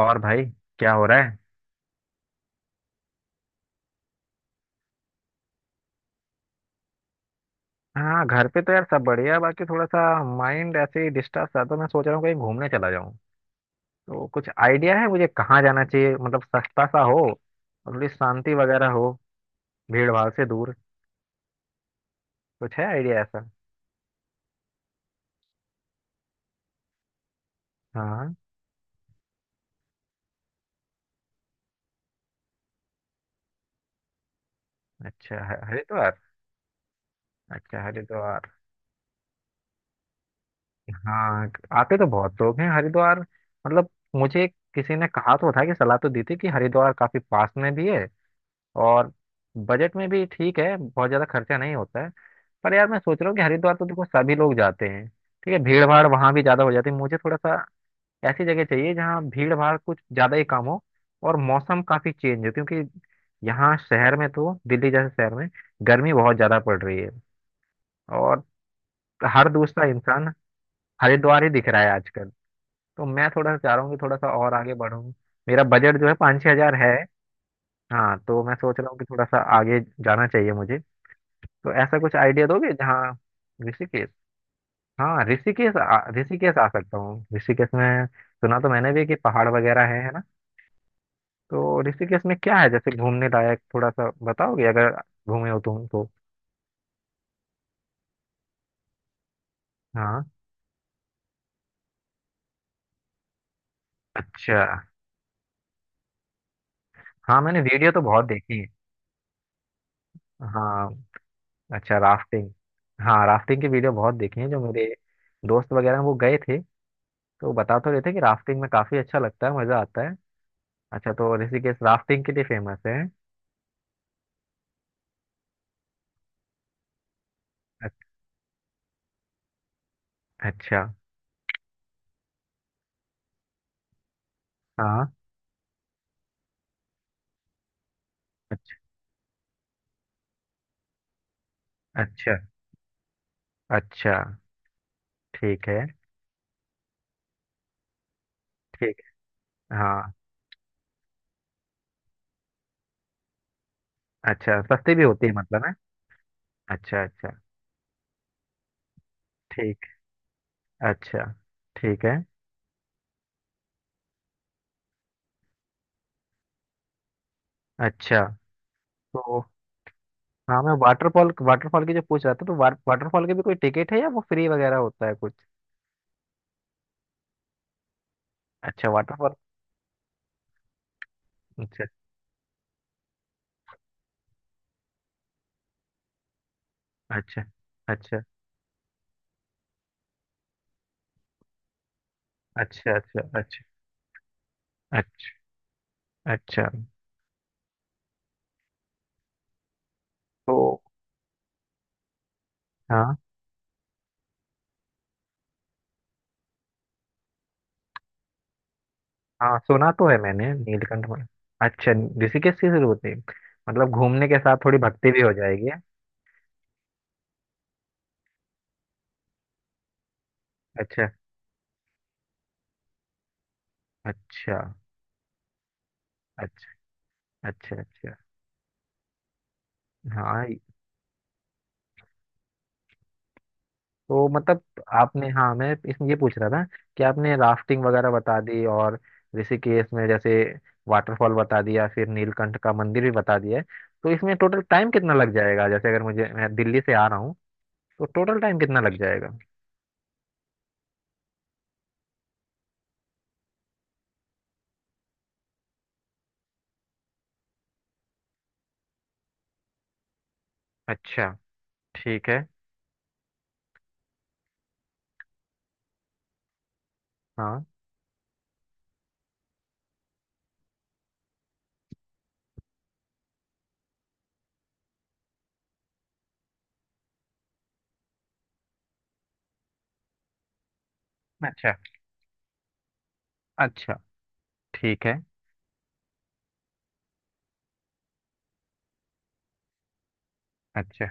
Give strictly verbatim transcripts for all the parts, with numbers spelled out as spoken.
और भाई, क्या हो रहा है। हाँ, घर पे तो यार सब बढ़िया है, बाकी थोड़ा सा माइंड ऐसे ही डिस्टर्ब था तो मैं सोच रहा हूँ कहीं घूमने चला जाऊँ। तो कुछ आइडिया है मुझे कहाँ जाना चाहिए? मतलब सस्ता सा हो और थोड़ी शांति वगैरह हो, भीड़ भाड़ से दूर। कुछ है आइडिया ऐसा? हाँ। अच्छा, ह- हरिद्वार। अच्छा हरिद्वार। हाँ, आते तो बहुत लोग हैं हरिद्वार। मतलब मुझे किसी ने कहा तो था, कि सलाह तो दी थी कि हरिद्वार काफी पास में भी है और बजट में भी ठीक है, बहुत ज्यादा खर्चा नहीं होता है। पर यार मैं सोच रहा हूँ कि हरिद्वार तो देखो सभी लोग जाते हैं, ठीक है भीड़ भाड़ वहां भी ज्यादा हो जाती है। मुझे थोड़ा सा ऐसी जगह चाहिए जहाँ भीड़ भाड़ कुछ ज्यादा ही कम हो और मौसम काफी चेंज हो, क्योंकि यहाँ शहर में तो, दिल्ली जैसे शहर में गर्मी बहुत ज्यादा पड़ रही है। और हर दूसरा इंसान हरिद्वार ही दिख रहा है आजकल। तो मैं थोड़ा सा चाह रहा हूँ कि थोड़ा सा और आगे बढूं। मेरा बजट जो है पाँच छह हजार है। हाँ, तो मैं सोच रहा हूँ कि थोड़ा सा आगे जाना चाहिए मुझे। तो ऐसा कुछ आइडिया दोगे जहाँ। ऋषिकेश। हाँ ऋषिकेश, आ, ऋषिकेश आ सकता हूँ। ऋषिकेश में सुना तो मैंने भी कि पहाड़ वगैरह है है ना। तो ऋषिकेश में क्या है जैसे घूमने लायक, थोड़ा सा बताओगे अगर घूमे हो तुम तो। हाँ। अच्छा। हाँ मैंने वीडियो तो बहुत देखी है। हाँ। अच्छा, राफ्टिंग। हाँ, राफ्टिंग की वीडियो बहुत देखी है। जो मेरे दोस्त वगैरह हैं, वो गए थे, तो बता तो रहे थे कि राफ्टिंग में काफी अच्छा लगता है, मजा आता है। अच्छा, तो ऋषिकेश राफ्टिंग के लिए फेमस है। अच्छा। हाँ। अच्छा, अच्छा, अच्छा। ठीक है। ठीक। हाँ। अच्छा, सस्ती भी होती है मतलब है। अच्छा, अच्छा। ठीक। अच्छा। ठीक है। अच्छा। तो। हाँ, मैं वाटरफॉल, वाटरफॉल की जो पूछ रहा था, तो वाट, वाटरफॉल के भी कोई टिकट है या वो फ्री वगैरह होता है कुछ? अच्छा, वाटरफॉल। अच्छा अच्छा। अच्छा, अच्छा। अच्छा। अच्छा। अच्छा, अच्छा। तो। हाँ। हाँ, सुना तो है मैंने, नीलकंठ में। अच्छा, ऋषिकेश की शुरू होती है। मतलब घूमने के साथ थोड़ी भक्ति भी हो जाएगी। अच्छा। अच्छा, अच्छा। अच्छा। अच्छा। हाँ। तो मतलब आपने। हाँ, मैं इसमें ये पूछ रहा था कि आपने राफ्टिंग वगैरह बता दी, और ऋषिकेश में जैसे वाटरफॉल बता दिया, फिर नीलकंठ का मंदिर भी बता दिया है। तो इसमें टोटल टाइम कितना लग जाएगा? जैसे अगर मुझे, मैं दिल्ली से आ रहा हूँ, तो टोटल टाइम कितना लग जाएगा? अच्छा। ठीक है। हाँ। अच्छा, अच्छा। ठीक है। अच्छा।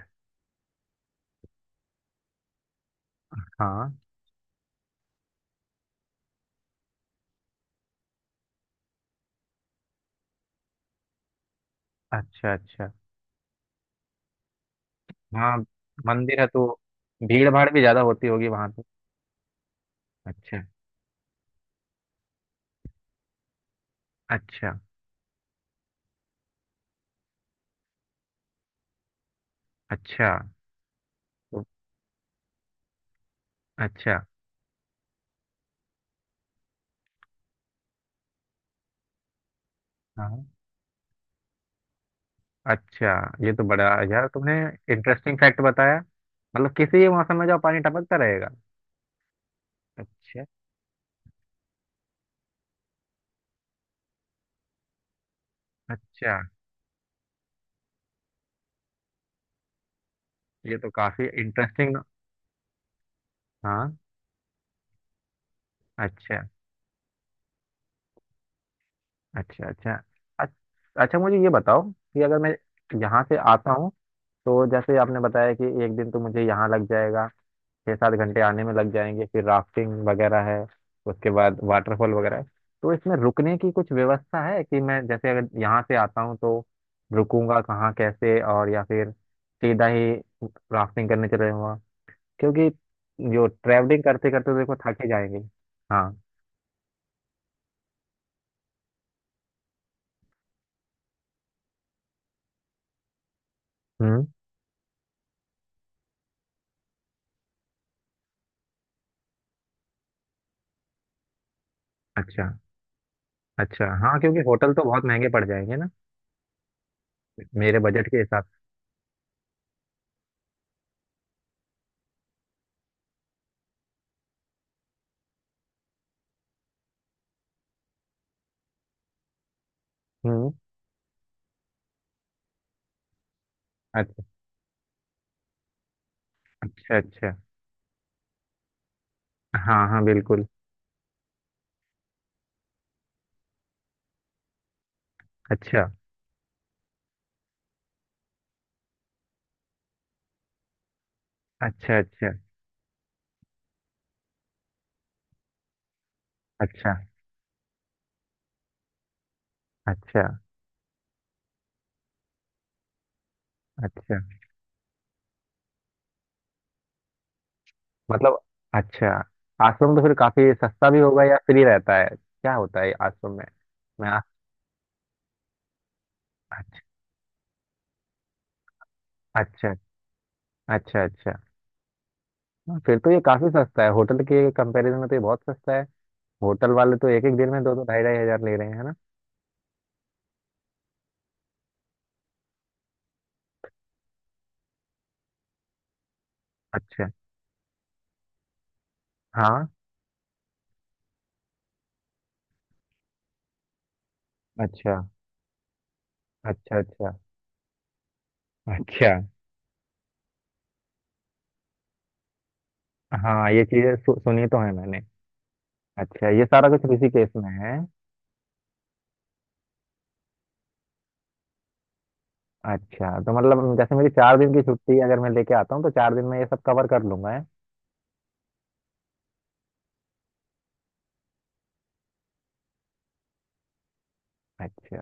हाँ। अच्छा, अच्छा। हाँ मंदिर है, तो भीड़ भाड़ भी ज्यादा होती होगी वहां पे। अच्छा, अच्छा। अच्छा। तो। अच्छा। हाँ। अच्छा, ये तो बड़ा, यार तुमने इंटरेस्टिंग फैक्ट बताया। मतलब किसी भी मौसम में जो पानी टपकता रहेगा। अच्छा, अच्छा। ये तो काफी इंटरेस्टिंग। हाँ। अच्छा, अच्छा, अच्छा। अच- अच्छा मुझे ये बताओ कि अगर मैं यहाँ से आता हूँ, तो जैसे आपने बताया कि एक दिन तो मुझे यहाँ लग जाएगा, छः सात घंटे आने में लग जाएंगे, फिर राफ्टिंग वगैरह है, उसके बाद वाटरफॉल वगैरह है। तो इसमें रुकने की कुछ व्यवस्था है? कि मैं जैसे अगर यहाँ से आता हूँ तो रुकूंगा कहाँ कैसे, और या फिर सीधा ही राफ्टिंग करने चले जाऊँगा, क्योंकि जो ट्रैवलिंग करते करते तो देखो थके जाएंगे। हाँ। हम्म। अच्छा, अच्छा। हाँ, क्योंकि होटल तो बहुत महंगे पड़ जाएंगे ना, मेरे बजट के हिसाब से। हम्म। अच्छा, अच्छा। अच्छा। हाँ, हाँ, बिल्कुल। अच्छा। अच्छा, अच्छा। अच्छा। अच्छा। अच्छा। मतलब, अच्छा, आश्रम तो फिर काफी सस्ता भी होगा या फ्री रहता है, क्या होता है आश्रम में? मैं आ, अच्छा, अच्छा, अच्छा। अच्छा। हाँ, फिर तो ये काफी सस्ता है, होटल के कंपैरिजन में तो ये बहुत सस्ता है। होटल वाले तो एक एक दिन में दो दो ढाई ढाई हजार ले रहे हैं, है ना। अच्छा। हाँ। अच्छा, अच्छा। अच्छा। अच्छा। हाँ, ये चीजें सु, सुनी तो है मैंने। अच्छा, ये सारा कुछ ऋषिकेश में है। अच्छा, तो मतलब जैसे मेरी चार दिन की छुट्टी, अगर मैं लेके आता हूँ, तो चार दिन में ये सब कवर कर लूंगा, है? अच्छा,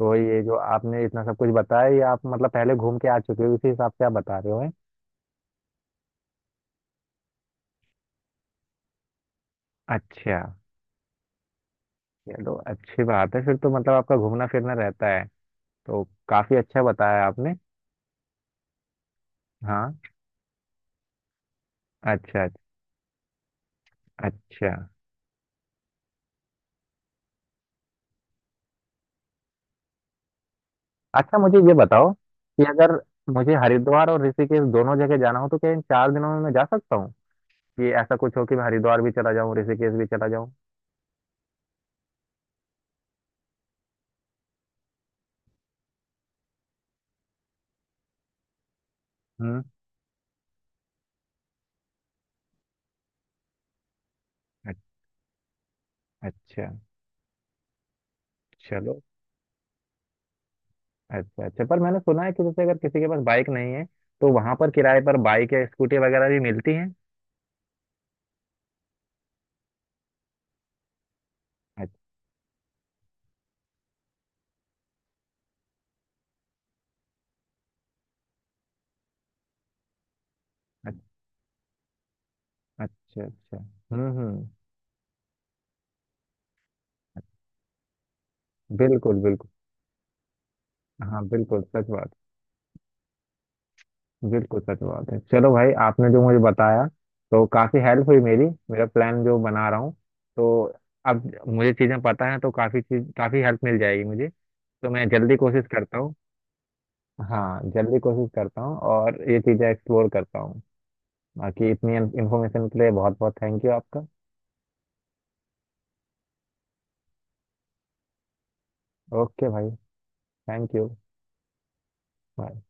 तो ये जो आपने इतना सब कुछ बताया, ये आप मतलब पहले घूम के आ चुके हो, इसी हिसाब से आप बता रहे हो, हैं? अच्छा। चलो अच्छी बात है, फिर तो मतलब आपका घूमना फिरना रहता है। तो काफी अच्छा बताया आपने। हाँ। अच्छा। अच्छा। अच्छा मुझे ये बताओ कि अगर मुझे हरिद्वार और ऋषिकेश दोनों जगह जाना हो, तो क्या इन चार दिनों में मैं जा सकता हूँ? कि ऐसा कुछ हो कि मैं हरिद्वार भी चला जाऊँ, ऋषिकेश भी चला जाऊँ। हम्म। अ- अच्छा। चलो। अच्छा अच्छा, पर मैंने सुना है कि जैसे अगर किसी के पास बाइक नहीं है, तो वहां पर किराए पर बाइक या स्कूटी वगैरह भी मिलती हैं। अच्छा। अच्छा, अच्छा। अच्छा। हम्म, हम्म। बिल्कुल, बिल्कुल। हाँ बिल्कुल सच बात। बिल्कुल सच बात है। चलो भाई, आपने जो मुझे बताया तो काफी हेल्प हुई मेरी। मेरा प्लान जो बना रहा हूँ, तो अब मुझे चीजें पता है, तो काफी चीज, काफी हेल्प मिल जाएगी मुझे। तो मैं जल्दी कोशिश करता हूँ। हाँ, जल्दी कोशिश करता हूँ और ये चीजें एक्सप्लोर करता हूँ। बाकी इतनी इन्फॉर्मेशन के लिए बहुत बहुत थैंक यू आपका। ओके भाई। Thank you. बाय।